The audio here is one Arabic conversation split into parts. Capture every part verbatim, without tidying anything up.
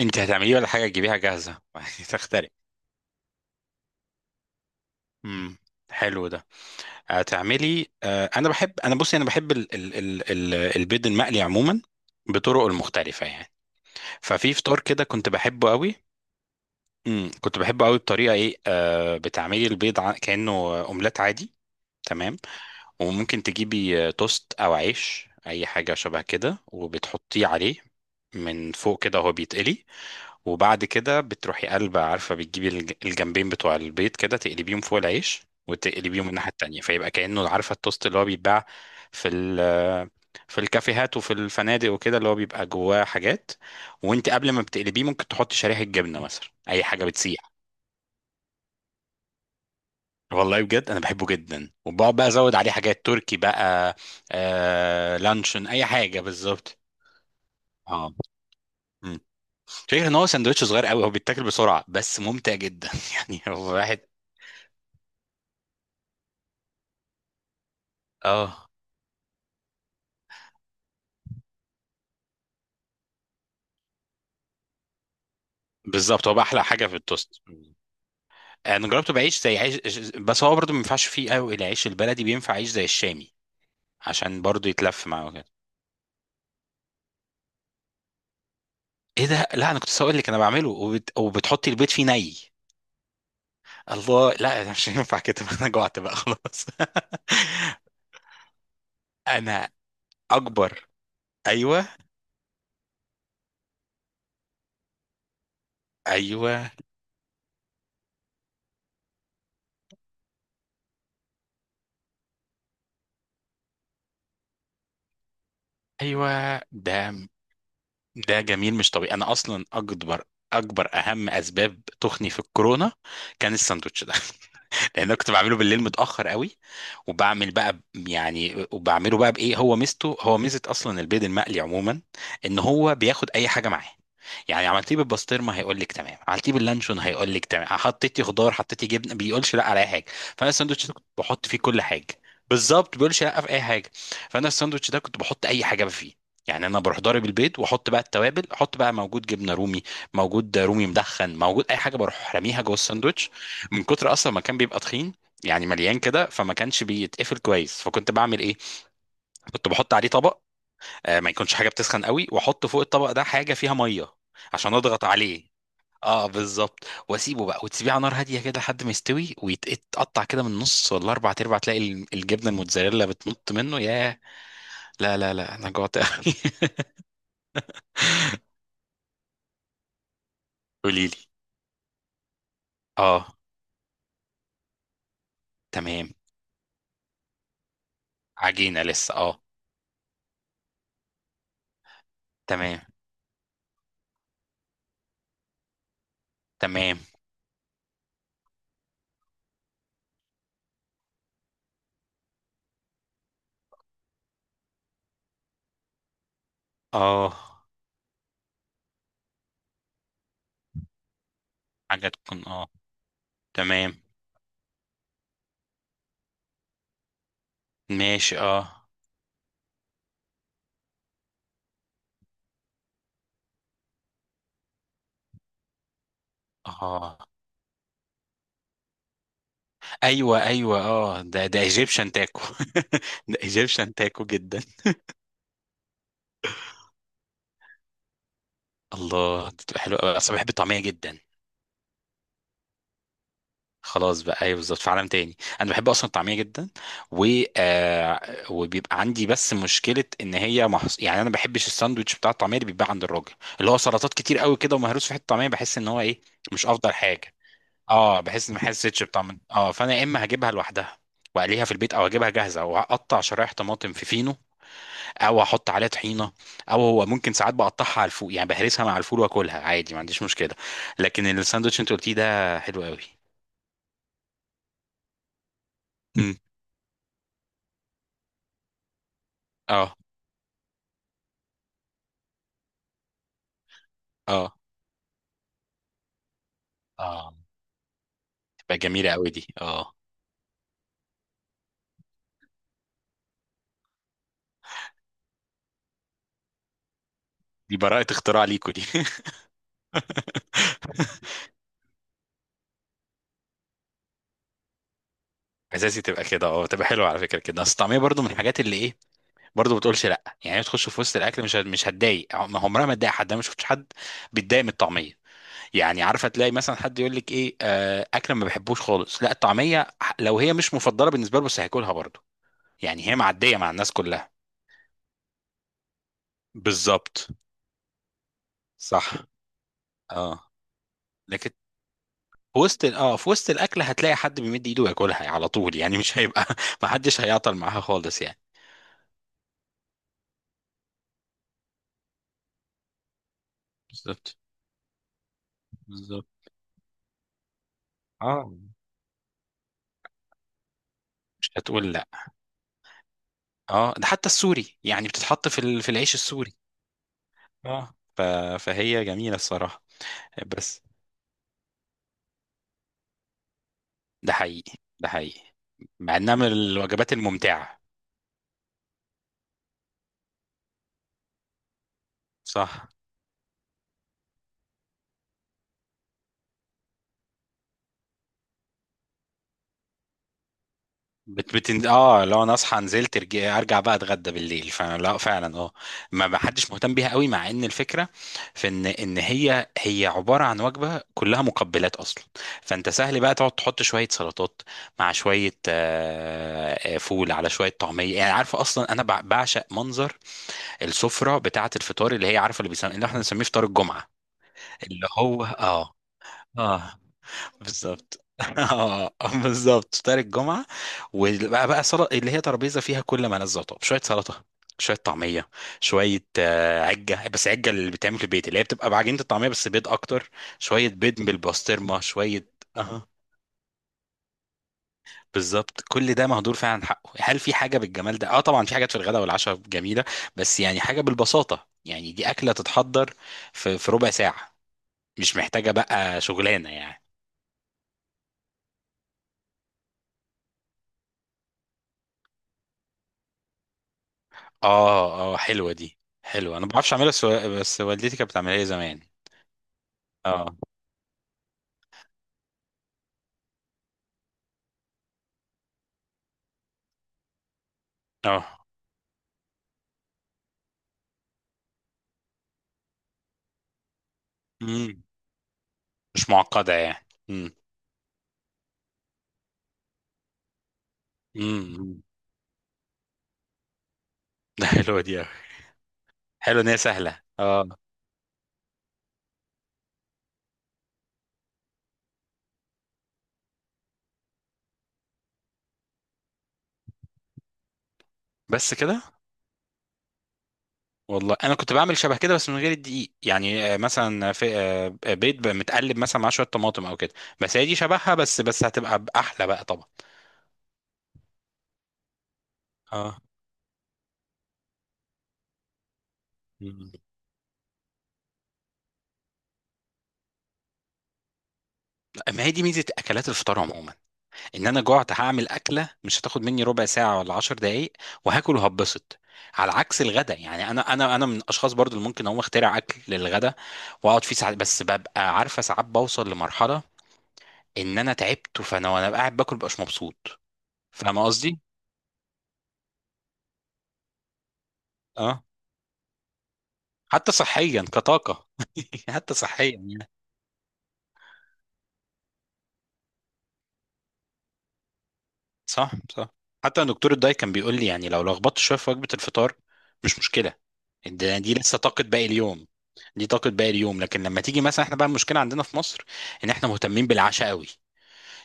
انت هتعمليه ولا حاجه تجيبيها جاهزه؟ يعني تخترق. امم حلو ده. هتعملي؟ آه، انا بحب انا بصي انا بحب ال... ال... ال... ال... البيض المقلي عموما بطرق المختلفه يعني. ففي فطار كده كنت بحبه قوي. امم كنت بحبه قوي بطريقه ايه، آه بتعملي البيض ع- كانه اومليت عادي. تمام، وممكن تجيبي آه، توست او عيش اي حاجه شبه كده وبتحطيه عليه من فوق كده وهو بيتقلي. وبعد كده بتروحي قلبة، عارفة، بتجيبي الج- الجنبين بتوع البيض كده، تقلبيهم فوق العيش وتقلبيهم الناحية التانية فيبقى كأنه، عارفة، التوست اللي هو بيتباع في ال في الكافيهات وفي الفنادق وكده، اللي هو بيبقى جواه حاجات. وانت قبل ما بتقلبيه ممكن تحطي شريحة جبنة مثلا، اي حاجة بتسيح. والله بجد انا بحبه جدا، وبقعد بقى ازود عليه حاجات، تركي بقى. آه، لانشون، اي حاجة بالظبط. اه، مم. فكرة ان هو سندوتش صغير قوي، هو بيتاكل بسرعة بس ممتع جدا. يعني هو واحد. اه، بالظبط، هو بقى احلى حاجه في التوست. انا جربته بعيش زي عيش. بس هو برضه ما ينفعش فيه قوي العيش البلدي، بينفع عيش زي الشامي. عشان برضه يتلف معاه كده. ايه ده؟ لا، انا كنت لسه هقول لك انا بعمله وبت... وبتحطي البيض فيه ني. الله، لا مش هينفع كده. انا جوعت بقى خلاص. انا اكبر. ايوه، ايوه، ايوه. ده ده جميل مش طبيعي، انا اصلا اكبر اكبر اهم اسباب تخني في الكورونا كان الساندوتش ده. لان انا كنت بعمله بالليل متاخر قوي، وبعمل بقى ب- يعني وبعمله بقى بايه، هو ميزته، هو ميزه اصلا البيض المقلي عموما، ان هو بياخد اي حاجه معاه. يعني عملتيه بالبسطرمه هيقول لك تمام، عملتيه باللانشون هيقول لك تمام، حطيتي خضار، حطيتي جبنه، بيقولش لا على اي حاجه. فانا الساندوتش ده كنت بحط فيه كل حاجه. بالظبط، بيقولش لا في اي حاجه. فانا الساندوتش ده كنت بحط اي حاجه فيه. يعني انا بروح ضارب البيض، واحط بقى التوابل، احط بقى موجود جبنه رومي، موجود رومي مدخن، موجود اي حاجه بروح راميها جوه الساندوتش. من كتر اصلا ما كان بيبقى تخين، يعني مليان كده، فما كانش بيتقفل كويس، فكنت بعمل ايه؟ كنت بحط عليه طبق، آه، ما يكونش حاجه بتسخن قوي، واحط فوق الطبق ده حاجه فيها ميه عشان اضغط عليه. اه، بالظبط. واسيبه بقى، وتسيبيه على نار هاديه كده لحد ما يستوي ويتقطع كده من النص ولا اربع ارباع، تلاقي ال- الجبنه الموتزاريلا بتنط منه، ياه! لا، لا، لا، انا جوعت قوي! قولي لي. اه، تمام. عجينه لسه، اه. تمام، تمام. اه، حاجه تكون، اه. تمام. ماشي، اه. اه، ايوه، ايوه، اه، ده ده ايجيبشن تاكو. ده ايجيبشن تاكو جدا. الله، دي بتبقى حلوه قوي، اصلا بحب الطعميه جدا. خلاص بقى، ايوه بالظبط، في عالم تاني انا بحب اصلا الطعميه جدا، و آه وبيبقى عندي بس مشكله ان هي محص... يعني انا ما بحبش الساندوتش بتاع الطعميه اللي بيتباع عند الراجل، اللي هو سلطات كتير قوي كده، ومهروس في حته طعميه، بحس ان هو ايه، مش افضل حاجه. اه، بحس ان ما حسيتش بطعم، اه، فانا يا اما هجيبها لوحدها واقليها في البيت، او اجيبها جاهزه واقطع شرايح طماطم في فينو، او احط عليها طحينه، او هو ممكن ساعات بقطعها على الفول، يعني بهرسها مع الفول واكلها عادي، ما عنديش مشكله. لكن الساندوتش انت قلتيه ده حلو قوي. امم اه، اه، اه، تبقى جميله قوي دي، اه. دي براءه اختراع ليكوا دي. اساسي تبقى كده، اه، تبقى حلوه على فكره كده، اصل الطعميه برضو من الحاجات اللي ايه، برضو ما بتقولش لا، يعني هي تخش في وسط الاكل مش هت- مش هتضايق، عم- عمرها ما تضايق حد، انا ما شفتش حد بيتضايق من الطعميه. يعني عارفه تلاقي مثلا حد يقول لك ايه، آه اكله ما بحبوش خالص، لا الطعميه ح- لو هي مش مفضله بالنسبه له بس هياكلها برضو. يعني هي معدية مع الناس كلها. بالظبط. صح، اه. لكن في وسط ال- اه في وسط الاكل هتلاقي حد بيمد ايده ياكلها، يعني على طول، يعني مش هيبقى، ما حدش هيعطل معاها خالص يعني. بالظبط، بالظبط، اه، مش هتقول لا. اه، ده حتى السوري يعني بتتحط في ال... في العيش السوري. اه، ف... فهي جميلة الصراحة. بس، ده حقيقي، ده حقيقي. مع انها من الوجبات الممتعة. صح. بت بتن... اه لو انا اصحى نزلت ارجع ارجع بقى اتغدى بالليل، فلا فعلا، اه. ما ما حدش مهتم بيها قوي، مع ان الفكره في ان ان هي هي عباره عن وجبه كلها مقبلات اصلا. فانت سهل بقى تقعد تحط شويه سلطات، مع شويه آه، آه، فول على شويه طعميه، يعني عارفه اصلا انا بع- بعشق منظر السفره بتاعه الفطار، اللي هي عارفه، اللي بيسمي اللي احنا بنسميه فطار الجمعه، اللي هو، اه، اه، بالظبط. اه، بالظبط، فطار الجمعة. وبقى بقى سلطة، اللي هي ترابيزة فيها كل ما لذ وطاب، شوية سلطة، شوية طعمية، شوية آه، عجة، بس عجة اللي بتعمل في البيت، اللي هي بتبقى بعجينة الطعمية بس بيض أكتر، شوية بيض بالبسطرمة، شوية. اه، بالظبط. كل ده مهدور فعلا حقه، هل في حاجة بالجمال ده؟ اه، طبعا في حاجات في الغداء والعشاء جميلة، بس يعني حاجة بالبساطة، يعني دي أكلة تتحضر في في ربع ساعة، مش محتاجة بقى شغلانة يعني. اه، اه، حلوة دي، حلوة، انا ما بعرفش اعملها، بس بس والدتي كانت بتعملها لي زمان. اه، اه. امم مش معقدة يعني. امم امم ده حلوة دي أوي. حلوة ان هي سهلة، اه. بس كده. والله انا كنت بعمل شبه كده بس من غير الدقيق، يعني آه، مثلا في آه، بيض بقى متقلب مثلا مع شوية طماطم او كده، بس هي دي شبهها، بس بس هتبقى احلى بقى طبعا. اه، مم. ما هي دي ميزة اكلات الفطار عموما، ان انا جعت هعمل اكله مش هتاخد مني ربع ساعه ولا عشر دقائق، وهاكل وهبسط. على عكس الغدا، يعني انا انا انا من الاشخاص برضو اللي ممكن اقوم اخترع اكل للغدا، واقعد فيه ساعات، بس ببقى عارفه ساعات بوصل لمرحله ان انا تعبت، فانا وانا قاعد باكل مبقاش مبسوط. فاهم قصدي؟ اه. حتى صحيا كطاقه. حتى صحيا يعني. صح، صح. حتى دكتور الداي كان بيقول لي، يعني لو لخبطت شويه في وجبه الفطار مش مشكله. ده- دي لسه طاقه باقي اليوم، دي طاقه باقي اليوم. لكن لما تيجي مثلا، احنا بقى المشكله عندنا في مصر ان احنا مهتمين بالعشاء قوي.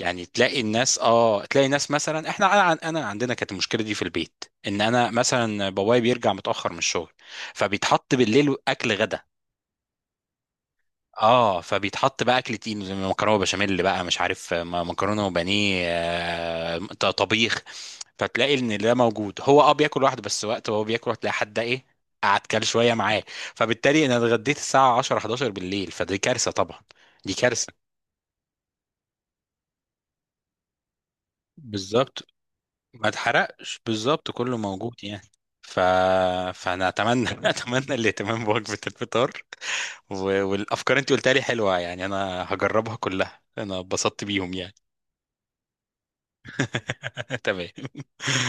يعني تلاقي الناس اه تلاقي ناس مثلا، احنا انا أنا عندنا كانت المشكله دي في البيت، ان انا مثلا بابايا بيرجع متاخر من الشغل، فبيتحط بالليل اكل غدا. اه، فبيتحط بقى اكل تقيل، زي مكرونه بشاميل بقى مش عارف، آه، مكرونه وبانيه، آه، ط- طبيخ. فتلاقي ان ده موجود، هو اه بياكل لوحده، بس وقت وهو بياكل هتلاقي حد ايه، قعد كل شويه معاه. فبالتالي انا اتغديت الساعه عشرة حداشر بالليل، فدي كارثه طبعا، دي كارثه. بالظبط، ما اتحرقش، بالظبط، كله موجود يعني. ف... فانا اتمنى اتمنى الاهتمام بوجبه الفطار، و... والافكار انت قلتها لي حلوه يعني، انا هجربها كلها، انا اتبسطت بيهم يعني. تمام.